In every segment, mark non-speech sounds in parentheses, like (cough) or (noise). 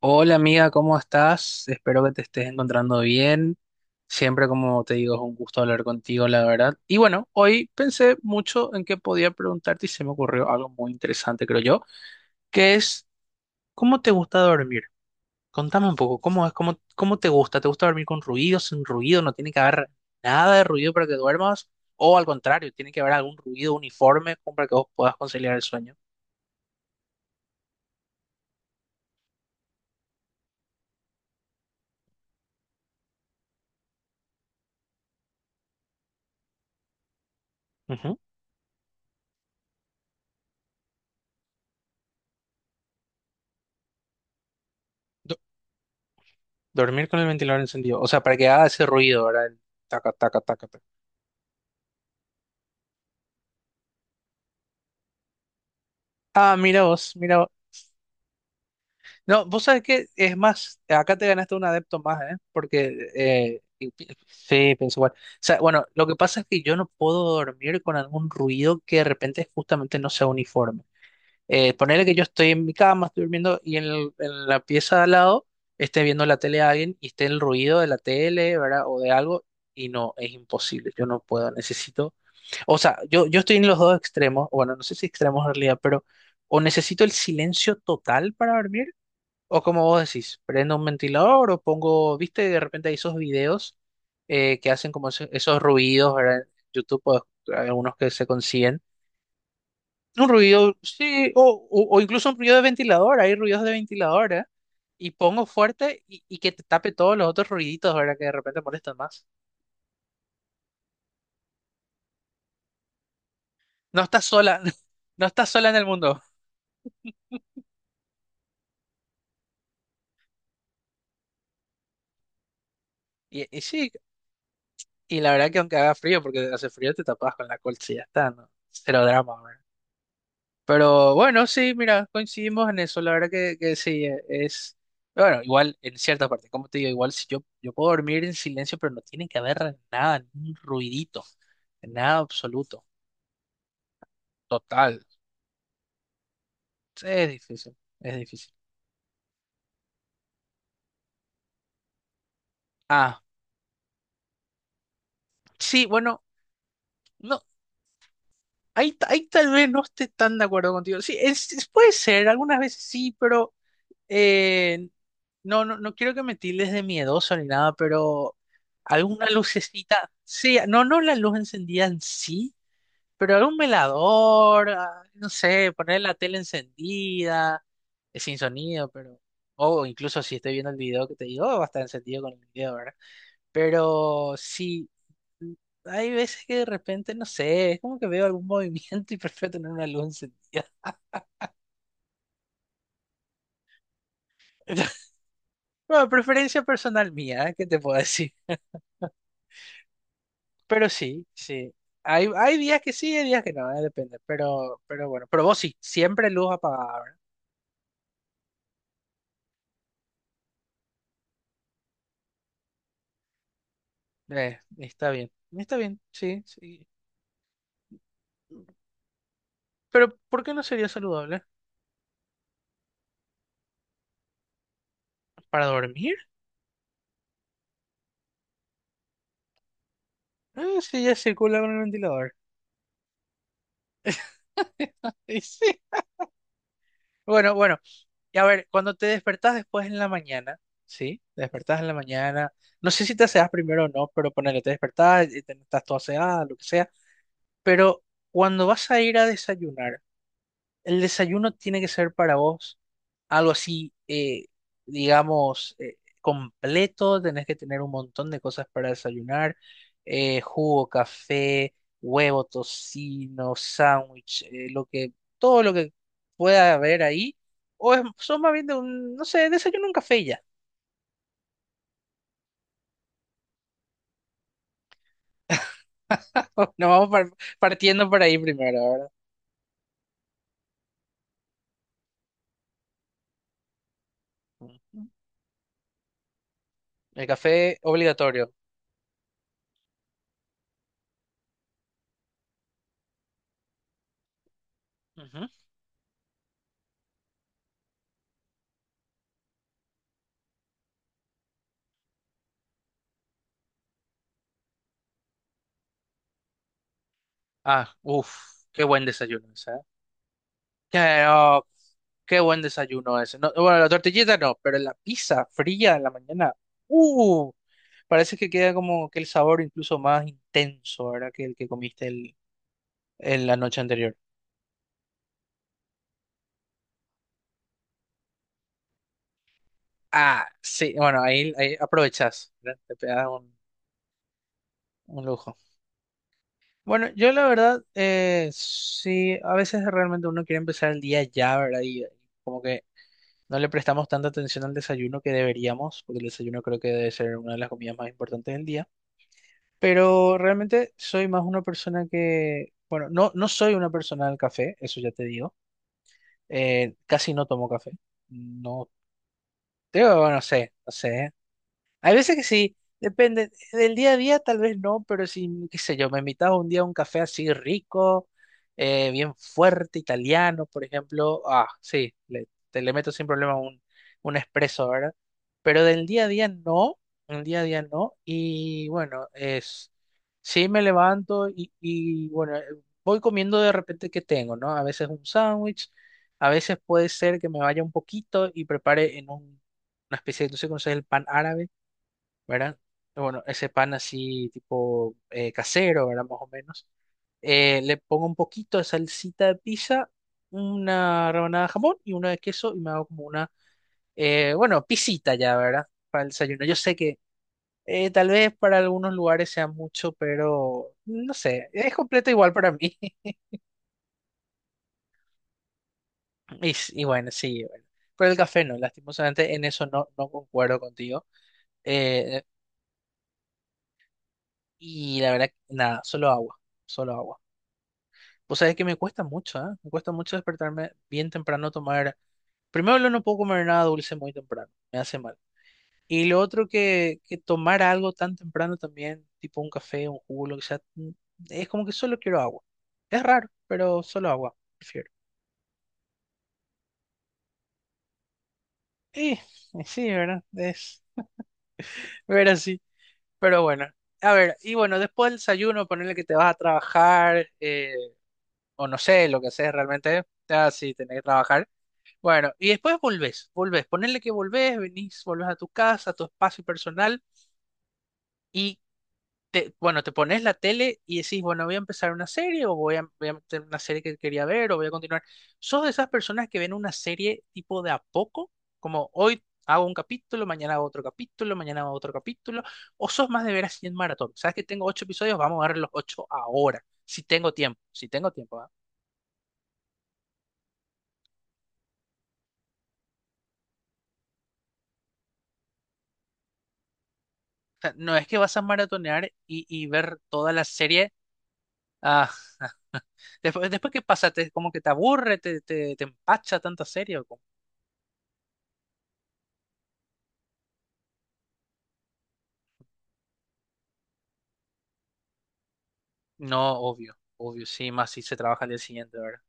Hola amiga, ¿cómo estás? Espero que te estés encontrando bien. Siempre, como te digo, es un gusto hablar contigo, la verdad. Y bueno, hoy pensé mucho en qué podía preguntarte y se me ocurrió algo muy interesante, creo yo, que es, ¿cómo te gusta dormir? Contame un poco, ¿cómo es? ¿Cómo te gusta? ¿Te gusta dormir con ruido, sin ruido? ¿No tiene que haber nada de ruido para que duermas? ¿O al contrario, tiene que haber algún ruido uniforme como para que vos puedas conciliar el sueño? Ujú. Dormir con el ventilador encendido. O sea, para que haga ese ruido, ¿verdad? El taca, taca, taca, taca. Ah, mira vos, mira vos. No, vos sabés que es más, acá te ganaste un adepto más, ¿eh? Porque, y sí, pienso igual. O sea, bueno, lo que pasa es que yo no puedo dormir con algún ruido que de repente justamente no sea uniforme. Ponele que yo estoy en mi cama, estoy durmiendo y en la pieza de al lado esté viendo la tele a alguien y esté el ruido de la tele, ¿verdad? O de algo y no, es imposible. Yo no puedo, necesito. O sea, yo estoy en los dos extremos, o bueno, no sé si extremos en realidad, pero o necesito el silencio total para dormir, o como vos decís, prendo un ventilador o pongo, viste, de repente hay esos videos que hacen como esos ruidos, ¿verdad? En YouTube pues, hay algunos que se consiguen. Un ruido, sí, o incluso un ruido de ventilador, hay ruidos de ventilador, ¿eh? Y pongo fuerte y que te tape todos los otros ruiditos, ¿verdad? Que de repente molestan más. No estás sola, (laughs) no estás sola en el mundo. Y sí. Y la verdad que aunque haga frío, porque hace frío te tapas con la colcha y ya está, ¿no? Cero drama, ¿verdad? Pero bueno, sí, mira, coincidimos en eso, la verdad que sí, es. Bueno, igual en cierta parte, como te digo, igual si yo puedo dormir en silencio, pero no tiene que haber nada, ni un ruidito, nada absoluto, total. Sí, es difícil, es difícil. Ah, sí, bueno, no, ahí, ahí tal vez no esté tan de acuerdo contigo. Sí, puede ser, algunas veces sí, pero. Eh, no, no, no quiero que me tildes de miedoso ni nada, pero alguna lucecita, sí, no, no la luz encendida en sí, pero algún velador, ah, no sé, poner la tele encendida, sin sonido, pero, o incluso si estoy viendo el video que te digo, va a estar encendido con el video, ¿verdad? Pero sí, mm, hay veces que de repente, no sé, es como que veo algún (laughs) movimiento y prefiero tener una luz encendida. (laughs) Bueno, preferencia personal mía, ¿eh? ¿Qué te puedo decir? Pero sí, sí. Hay días que sí, hay días que no, depende. Pero bueno, pero vos sí, siempre luz apagada, ¿verdad? Está bien, está bien, sí, sí. Pero ¿por qué no sería saludable? ¿Para dormir? Ah, sí, ya circula con el ventilador. (laughs) Y sí. Bueno, bueno. Y a ver, cuando te despertás después en la mañana, ¿sí? Te despertás en la mañana. No sé si te aseás primero o no, pero ponele, te despertás, y estás todo aseada, lo que sea. Pero cuando vas a ir a desayunar, el desayuno tiene que ser para vos, algo así, digamos, completo, tenés que tener un montón de cosas para desayunar, jugo, café, huevo, tocino, sándwich, lo que, todo lo que pueda haber ahí, o es, sos más bien de un, no sé, desayuno un café y ya, (laughs) nos vamos partiendo por ahí primero, ¿verdad? Ujú. El café obligatorio. Ujú. Ah, uff, qué buen desayuno, ¿sabes? Qué buen desayuno ese. No, bueno, la tortillita no, pero la pizza fría en la mañana. Uh, Parece que queda como que el sabor incluso más intenso, ¿verdad? Que el que comiste el, en la noche anterior. Ah, sí, bueno, ahí aprovechás, ¿verdad? Te pegas un lujo. Bueno, yo la verdad, sí, a veces realmente uno quiere empezar el día ya, ¿verdad? Y como que no le prestamos tanta atención al desayuno que deberíamos, porque el desayuno creo que debe ser una de las comidas más importantes del día. Pero realmente soy más una persona que, bueno, no, no soy una persona del café, eso ya te digo. Casi no tomo café. No, te, bueno, no sé, no sé. Hay veces que sí, depende. Del día a día tal vez no, pero si, qué sé yo, me invitaba un día a un café así rico, bien fuerte, italiano, por ejemplo, ah, sí, le, te le meto sin problema un espresso, ¿verdad? Pero del día a día no, del día a día no, y bueno, es, sí me levanto y bueno, voy comiendo de repente que tengo, ¿no? A veces un sándwich, a veces puede ser que me vaya un poquito y prepare en una especie, no sé si conoces el pan árabe, ¿verdad? Bueno, ese pan así tipo casero, ¿verdad? Más o menos. Le pongo un poquito de salsita de pizza, una rebanada de jamón y una de queso y me hago como una, bueno, pisita ya, ¿verdad? Para el desayuno. Yo sé que tal vez para algunos lugares sea mucho, pero no sé, es completo igual para mí. (laughs) Y bueno, sí, bueno. Pero el café no, lastimosamente en eso no, no concuerdo contigo. Eh, y la verdad, nada, solo agua, solo agua. Pues sabés que me cuesta mucho, ¿eh? Me cuesta mucho despertarme bien temprano, tomar. Primero, lo no puedo comer nada dulce muy temprano, me hace mal. Y lo otro que tomar algo tan temprano también, tipo un café, un jugo, lo que sea, es como que solo quiero agua. Es raro, pero solo agua, prefiero. Y, y sí, ¿verdad? Es ver así. Pero bueno, a ver, y bueno, después del desayuno, ponerle que te vas a trabajar, o no sé, lo que haces realmente, ya sí, tenés que trabajar. Bueno, y después volvés, ponerle que volvés, venís, volvés a tu casa, a tu espacio personal y te, bueno, te pones la tele y decís, bueno, voy a empezar una serie o voy a meter una serie que quería ver o voy a continuar. ¿Sos de esas personas que ven una serie tipo de a poco? Como hoy hago un capítulo, mañana hago otro capítulo, mañana hago otro capítulo, o sos más de ver así en maratón. Sabes que tengo ocho episodios, vamos a ver los ocho ahora, si tengo tiempo, si tengo tiempo, ¿ah? O sea, no es que vas a maratonear y ver toda la serie. Ah, después ¿qué pasa? Como que te aburre, te empacha tanta serie. ¿O cómo? No, obvio, obvio, sí, más si se trabaja al día siguiente, ¿verdad?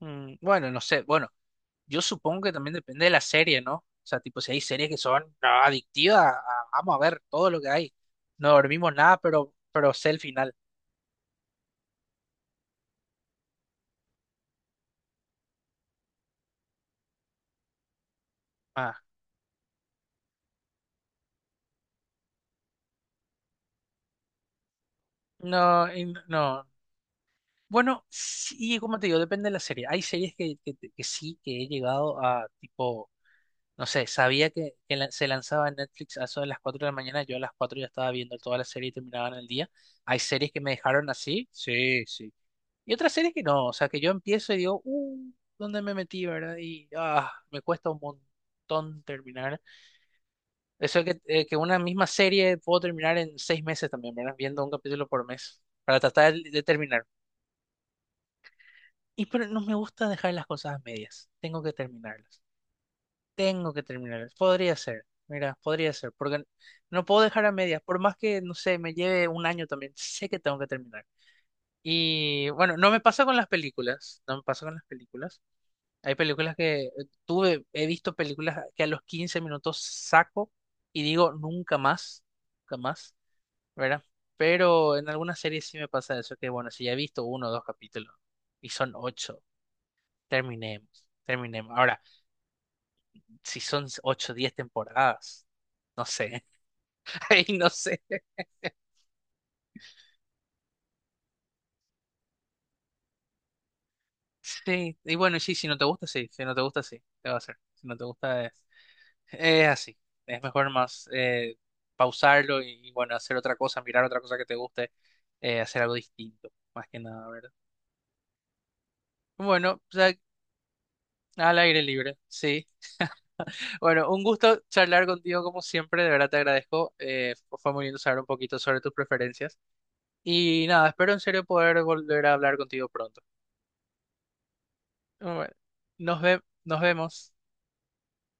Bueno, no sé, bueno, yo supongo que también depende de la serie, ¿no? O sea, tipo, si hay series que son no, adictivas, ah, vamos a ver todo lo que hay. No dormimos nada, pero sé el final. Ah, no, y no. Bueno, sí, como te digo, depende de la serie. Hay series que sí, que he llegado a, tipo. No sé, sabía que se lanzaba en Netflix a eso de las 4 de la mañana. Yo a las 4 ya estaba viendo toda la serie y terminaba en el día. Hay series que me dejaron así, sí, sí. Y otras series que no, o sea, que yo empiezo y digo, ¿dónde me metí, verdad? Y me cuesta un montón terminar. Eso es que una misma serie puedo terminar en 6 meses también, ¿verdad? Viendo un capítulo por mes para tratar de terminar. Y pero no me gusta dejar las cosas a medias, tengo que terminarlas. Tengo que terminar. Podría ser. Mira, podría ser. Porque no puedo dejar a medias. Por más que, no sé, me lleve un año también. Sé que tengo que terminar. Y bueno, no me pasa con las películas. No me pasa con las películas. Hay películas que tuve, he visto películas que a los 15 minutos saco y digo nunca más. Nunca más. ¿Verdad? Pero en algunas series sí me pasa eso. Que bueno, si ya he visto uno o dos capítulos y son ocho, terminemos. Terminemos. Ahora, si son 8 o 10 temporadas. No sé. (laughs) Ay, no sé. Sí, y bueno, sí, si no te gusta, sí, si no te gusta, sí, te va a hacer. Si no te gusta, es así. Es mejor más pausarlo y, bueno, hacer otra cosa, mirar otra cosa que te guste, hacer algo distinto, más que nada, ¿verdad? Bueno, o al aire libre, sí. Bueno, un gusto charlar contigo como siempre, de verdad te agradezco. Fue muy lindo saber un poquito sobre tus preferencias. Y nada, espero en serio poder volver a hablar contigo pronto. Bueno, nos vemos.